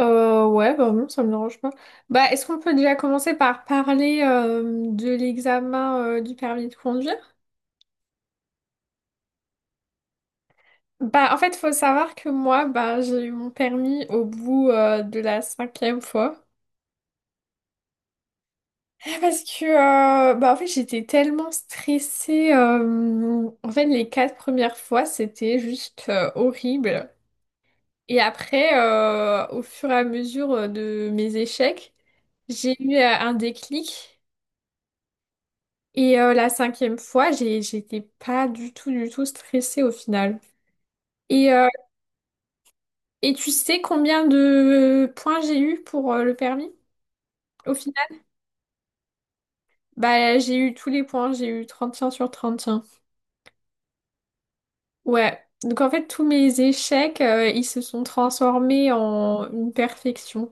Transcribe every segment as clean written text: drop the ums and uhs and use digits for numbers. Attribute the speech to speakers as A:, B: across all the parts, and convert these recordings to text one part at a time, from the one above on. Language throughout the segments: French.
A: Ouais, bah non, ça me dérange pas. Bah, est-ce qu'on peut déjà commencer par parler de l'examen du permis de conduire? Bah, en fait, faut savoir que moi, bah, j'ai eu mon permis au bout de la cinquième fois. Ah, parce que, bah, en fait, j'étais tellement stressée. En fait, les quatre premières fois, c'était juste horrible. Et après, au fur et à mesure de mes échecs, j'ai eu un déclic. Et la cinquième fois, j'étais pas du tout, du tout stressée au final. Et, euh, et tu sais combien de points j'ai eu pour le permis? Au final, bah, j'ai eu tous les points, j'ai eu 31 sur 31. Ouais. Donc en fait, tous mes échecs, ils se sont transformés en une perfection.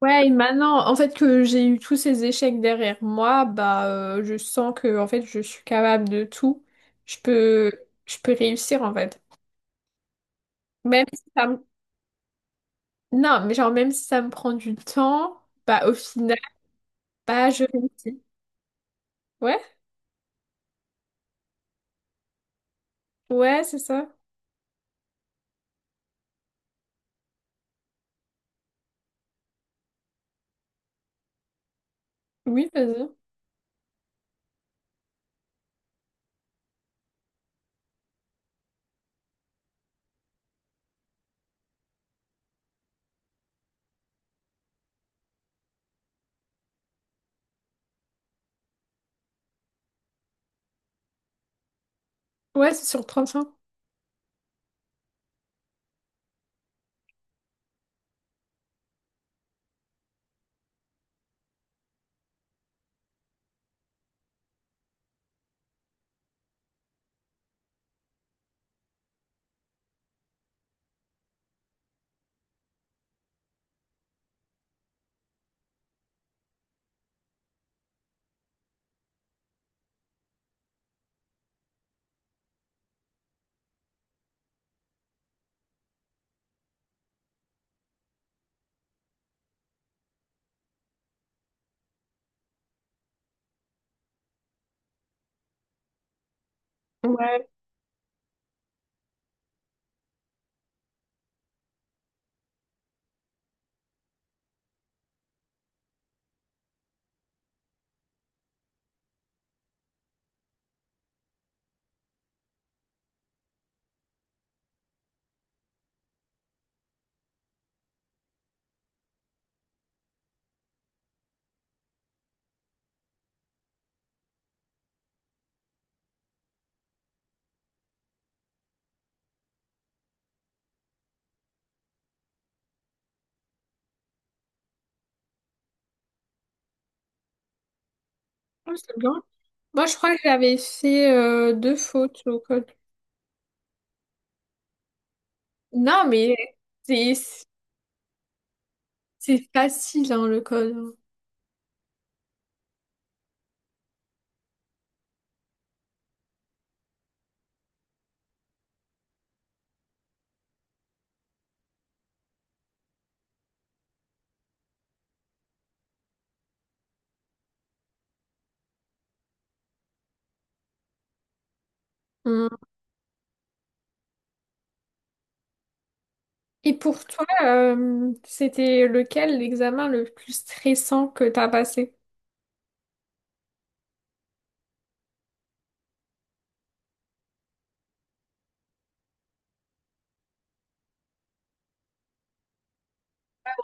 A: Ouais, et maintenant, en fait, que j'ai eu tous ces échecs derrière moi, bah, je sens que, en fait, je suis capable de tout. Je peux, je peux réussir, en fait. Même si ça me Non, mais genre, même si ça me prend du temps, bah, au final, bah, je réussis. Ouais, ouais, c'est ça. Oui, vas-y. Ouais, c'est sur 35. Ouais, ouais, c'est bien. Moi, je crois que j'avais fait deux fautes au code. Non, mais c'est c'est facile, hein, le code. Mm. Et pour toi, c'était lequel l'examen le plus stressant que t'as passé?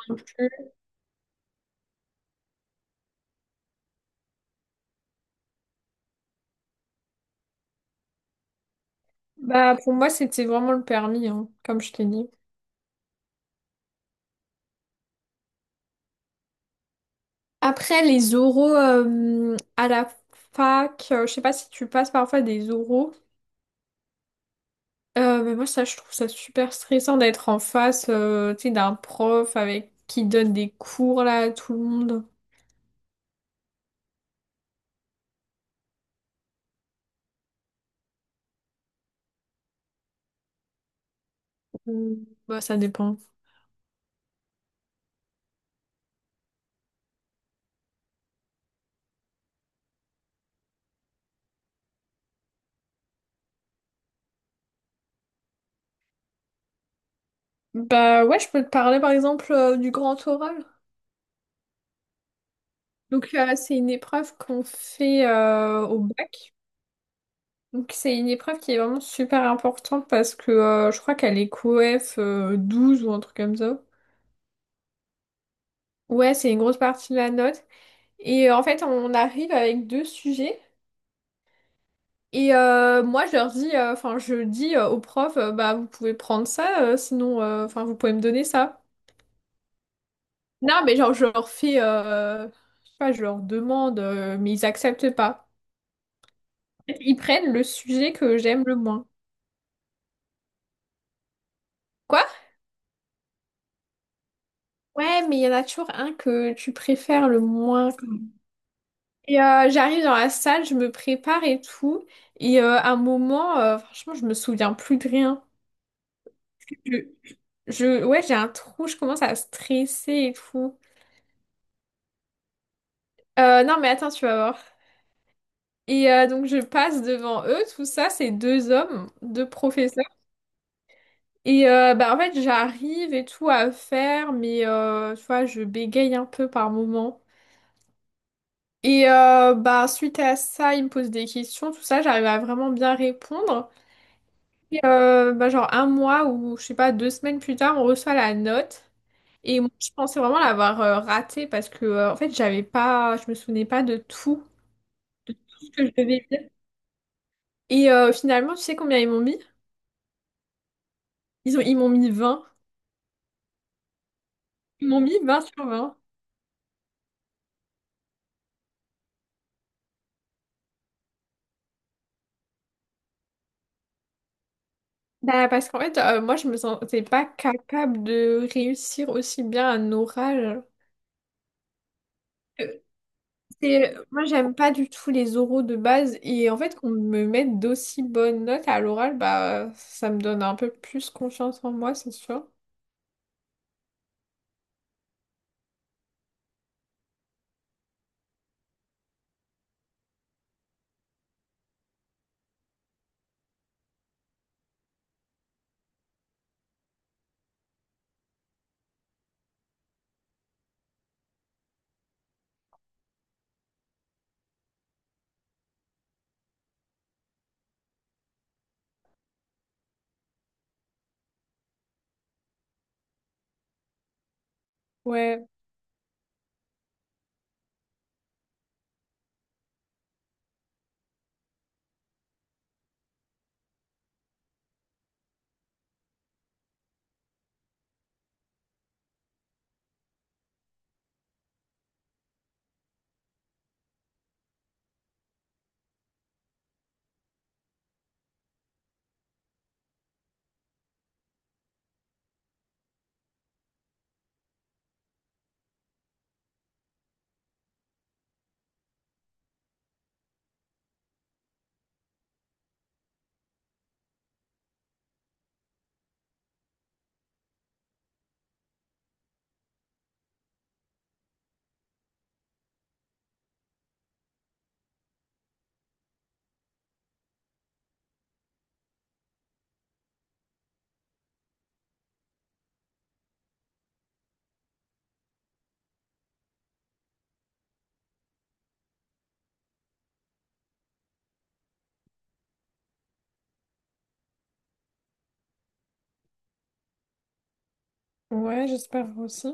A: Non plus. Bah, pour moi, c'était vraiment le permis, hein, comme je t'ai dit. Après, les oraux à la fac, je sais pas si tu passes parfois des oraux. Mais moi, ça, je trouve ça super stressant d'être en face, tu sais, d'un prof avec qui donne des cours là à tout le monde. Bah, ça dépend. Bah ouais, je peux te parler par exemple du grand oral. Donc c'est une épreuve qu'on fait au bac. Donc c'est une épreuve qui est vraiment super importante parce que je crois qu'elle est COEF 12 ou un truc comme ça. Ouais, c'est une grosse partie de la note. Et en fait, on arrive avec deux sujets. Et moi, je leur dis, enfin, je dis au prof, bah, vous pouvez prendre ça, sinon, enfin, vous pouvez me donner ça. Non, mais genre, je leur fais, je sais pas, je leur demande, mais ils acceptent pas. Ils prennent le sujet que j'aime le moins. Quoi? Ouais, mais il y en a toujours un que tu préfères le moins. Et j'arrive dans la salle, je me prépare et tout. Et à un moment, franchement, je me souviens plus de rien. Je, ouais, j'ai un trou, je commence à stresser et tout. Non, mais attends, tu vas voir. Et donc, je passe devant eux, tout ça, c'est deux hommes, deux professeurs. Et bah, en fait, j'arrive et tout à faire, mais tu vois, je bégaye un peu par moment. Et bah, suite à ça, ils me posent des questions, tout ça, j'arrive à vraiment bien répondre. Et bah, genre un mois ou, je sais pas, 2 semaines plus tard, on reçoit la note. Et moi, je pensais vraiment l'avoir raté parce que en fait j'avais pas je me souvenais pas de tout ce que je devais dire. Et finalement, tu sais combien ils m'ont mis? Ils m'ont mis 20. Ils m'ont mis 20 sur 20. Bah, parce qu'en fait moi je me sentais pas capable de réussir aussi bien un oral. Euh, Moi j'aime pas du tout les oraux de base et en fait qu'on me mette d'aussi bonnes notes à l'oral bah ça me donne un peu plus confiance en moi, c'est sûr. Ouais, ouais, j'espère aussi.